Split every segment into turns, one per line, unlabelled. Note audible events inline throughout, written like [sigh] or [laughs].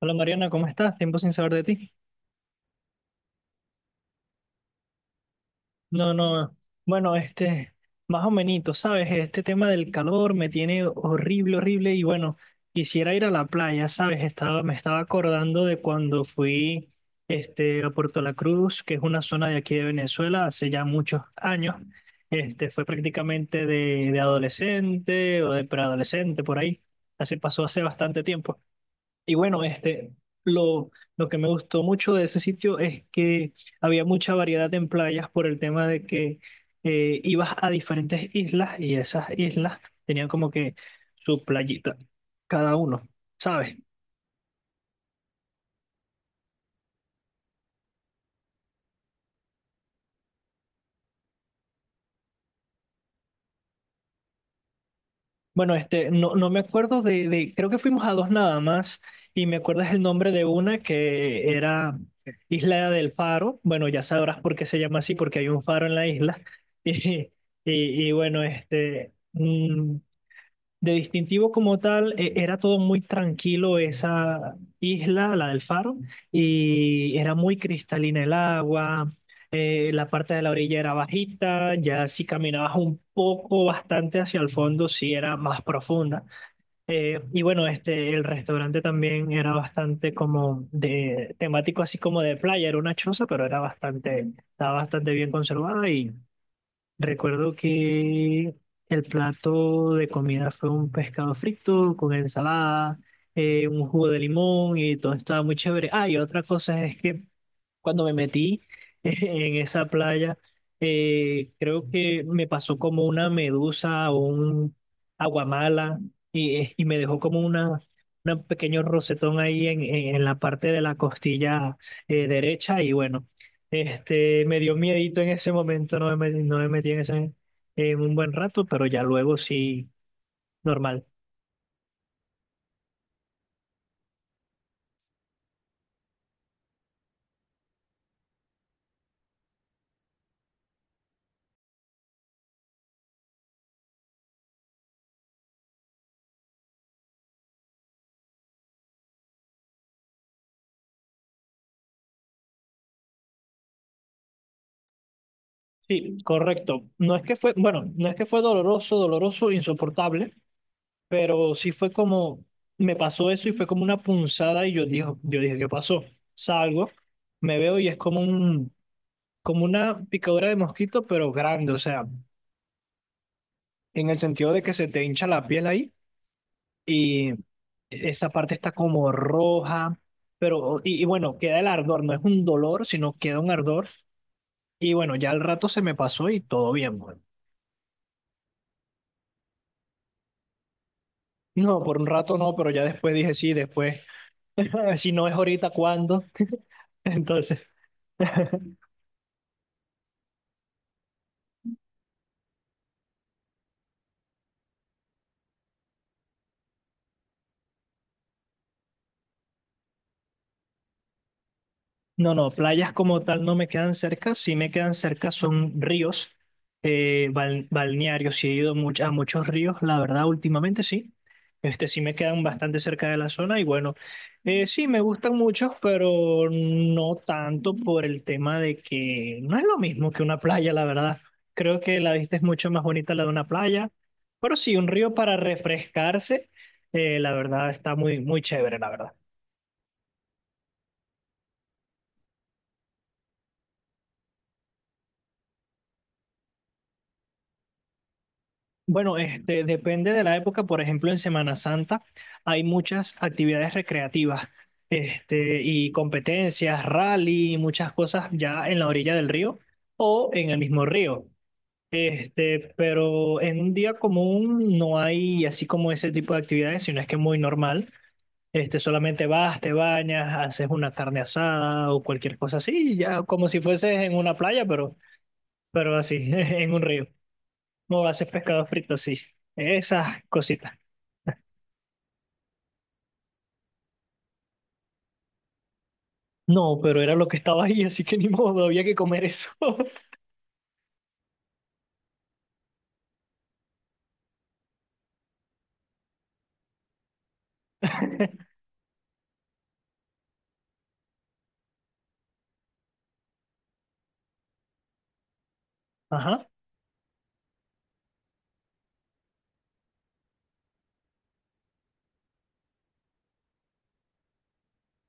Hola Mariana, ¿cómo estás? Tiempo sin saber de ti. No, no, bueno, más o menos, ¿sabes? Este tema del calor me tiene horrible, horrible y bueno, quisiera ir a la playa, ¿sabes? Me estaba acordando de cuando fui, a Puerto La Cruz, que es una zona de aquí de Venezuela, hace ya muchos años. Fue prácticamente de adolescente o de preadolescente, por ahí. Así pasó hace bastante tiempo. Y bueno, lo, lo que me gustó mucho de ese sitio es que había mucha variedad en playas por el tema de que ibas a diferentes islas y esas islas tenían como que su playita, cada uno, ¿sabes? Bueno, no, no me acuerdo creo que fuimos a dos nada más y me acuerdas el nombre de una que era Isla del Faro. Bueno, ya sabrás por qué se llama así, porque hay un faro en la isla. [laughs] Y bueno, de distintivo como tal, era todo muy tranquilo esa isla, la del Faro, y era muy cristalina el agua, la parte de la orilla era bajita, ya si caminabas un poco bastante hacia el fondo, sí era más profunda. Y bueno, el restaurante también era bastante como de temático, así como de playa, era una choza, pero era bastante, estaba bastante bien conservada. Y recuerdo que el plato de comida fue un pescado frito con ensalada, un jugo de limón y todo estaba muy chévere. Ah, y otra cosa es que cuando me metí [laughs] en esa playa, creo que me pasó como una medusa o un aguamala y me dejó como una, un pequeño rosetón ahí en la parte de la costilla derecha y bueno, me dio miedito en ese momento, no me metí en ese en un buen rato, pero ya luego sí, normal. Sí, correcto. No es que fue, bueno, no es que fue doloroso, doloroso, insoportable. Pero sí fue como, me pasó eso y fue como una punzada y yo dije, ¿qué pasó? Salgo, me veo y es como un, como una picadura de mosquito, pero grande, o sea, en el sentido de que se te hincha la piel ahí y esa parte está como roja, pero, y bueno, queda el ardor, no es un dolor, sino queda un ardor y bueno, ya al rato se me pasó y todo bien, bueno. No, por un rato no, pero ya después dije sí, después, [laughs] si no es ahorita, ¿cuándo? [laughs] Entonces... No, no, playas como tal no me quedan cerca, sí me quedan cerca son ríos, balnearios, sí he ido a muchos ríos, la verdad, últimamente sí, este sí me quedan bastante cerca de la zona y bueno, sí me gustan muchos, pero no tanto por el tema de que no es lo mismo que una playa, la verdad, creo que la vista es mucho más bonita la de una playa, pero sí, un río para refrescarse, la verdad está muy, muy chévere, la verdad. Bueno, depende de la época. Por ejemplo, en Semana Santa hay muchas actividades recreativas, y competencias, rally, muchas cosas ya en la orilla del río o en el mismo río. Pero en un día común no hay así como ese tipo de actividades, sino es que es muy normal. Solamente vas, te bañas, haces una carne asada o cualquier cosa así, ya como si fueses en una playa, pero así, [laughs] en un río. No, hace pescado frito, sí. Esas cositas. No, pero era lo que estaba ahí, así que ni modo, había que comer eso. [laughs] Ajá,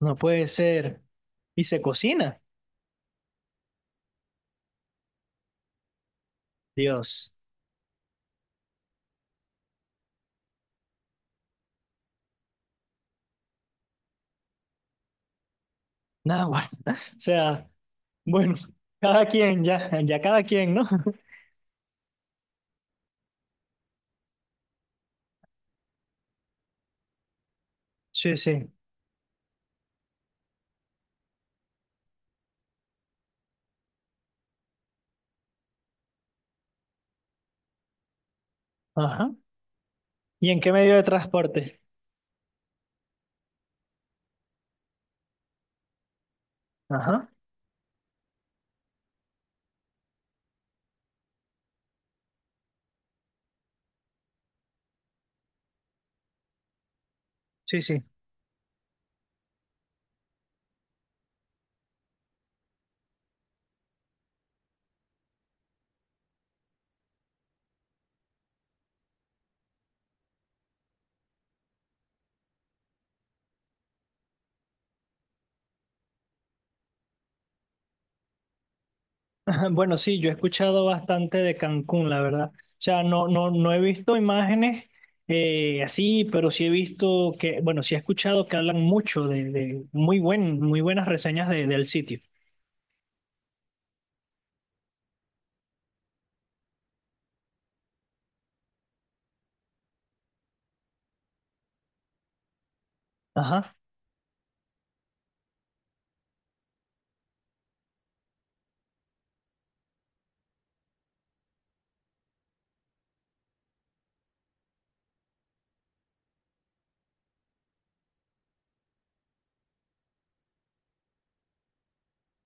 no puede ser. Y se cocina. Dios. Nada, bueno. [laughs] O sea, bueno, cada quien, ya, ya cada quien, ¿no? [laughs] Sí, sí. Ajá. ¿Y en qué medio de transporte? Ajá. Sí, sí. [laughs] Bueno, sí, yo he escuchado bastante de Cancún, la verdad. O sea, no, no, no he visto imágenes así, pero sí he visto que, bueno, sí he escuchado que hablan mucho de muy buen, muy buenas reseñas del sitio. Ajá.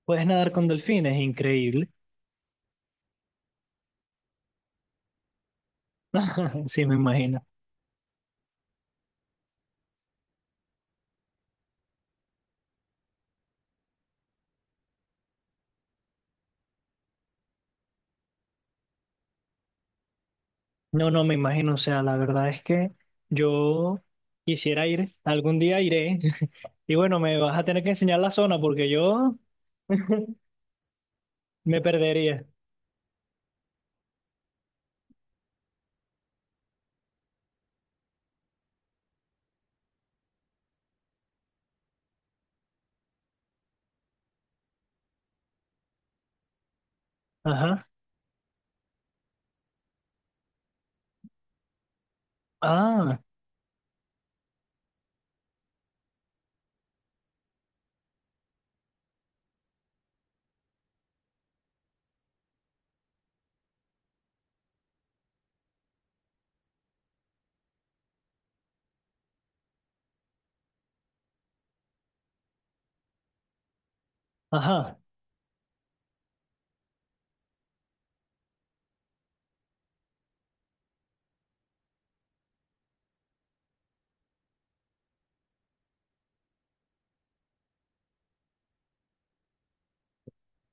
Puedes nadar con delfines, increíble. [laughs] Sí, me imagino. No, no, me imagino. O sea, la verdad es que yo quisiera ir, algún día iré. [laughs] Y bueno, me vas a tener que enseñar la zona porque yo [laughs] me perdería. Ajá. Ah, ajá.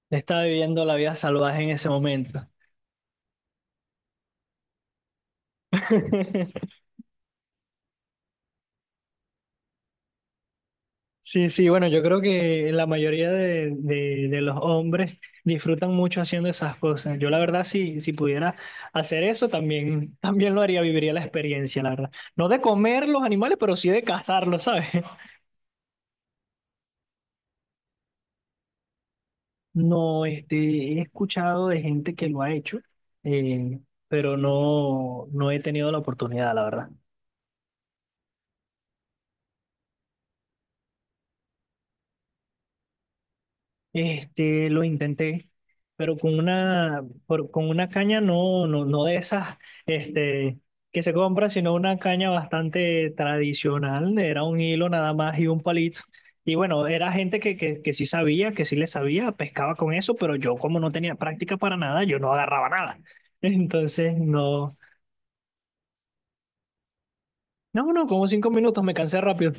Estaba viviendo la vida salvaje en ese momento. [laughs] Sí, sí, bueno, yo creo que la mayoría de los hombres disfrutan mucho haciendo esas cosas. Yo la verdad, si, si pudiera hacer eso, también, también lo haría, viviría la experiencia, la verdad. No de comer los animales, pero sí de cazarlos, ¿sabes? [laughs] No, he escuchado de gente que lo ha hecho, eh, pero no, no he tenido la oportunidad, la verdad. Lo intenté, pero con una, con una caña no, no, no de esas, este, que se compra, sino una caña bastante tradicional. Era un hilo nada más y un palito. Y bueno, era gente que sí sabía, que sí le sabía, pescaba con eso, pero yo como no tenía práctica para nada, yo no agarraba nada. [laughs] Entonces, no, no, no, como cinco minutos, me cansé rápido.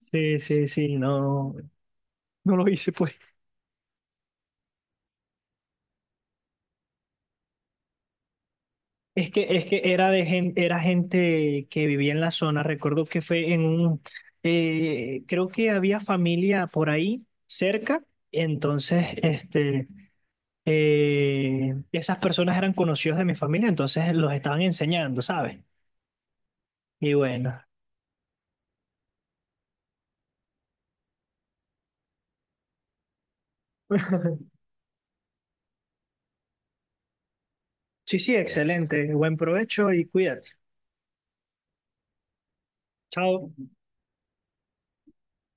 Sí, sí, sí, no, no lo hice, pues. Es que era de gente, era gente que vivía en la zona. Recuerdo que fue en un, creo que había familia por ahí cerca. Entonces, esas personas eran conocidos de mi familia, entonces los estaban enseñando, ¿sabes? Y bueno, [laughs] sí, sí, excelente. Buen provecho y cuídate. Chao.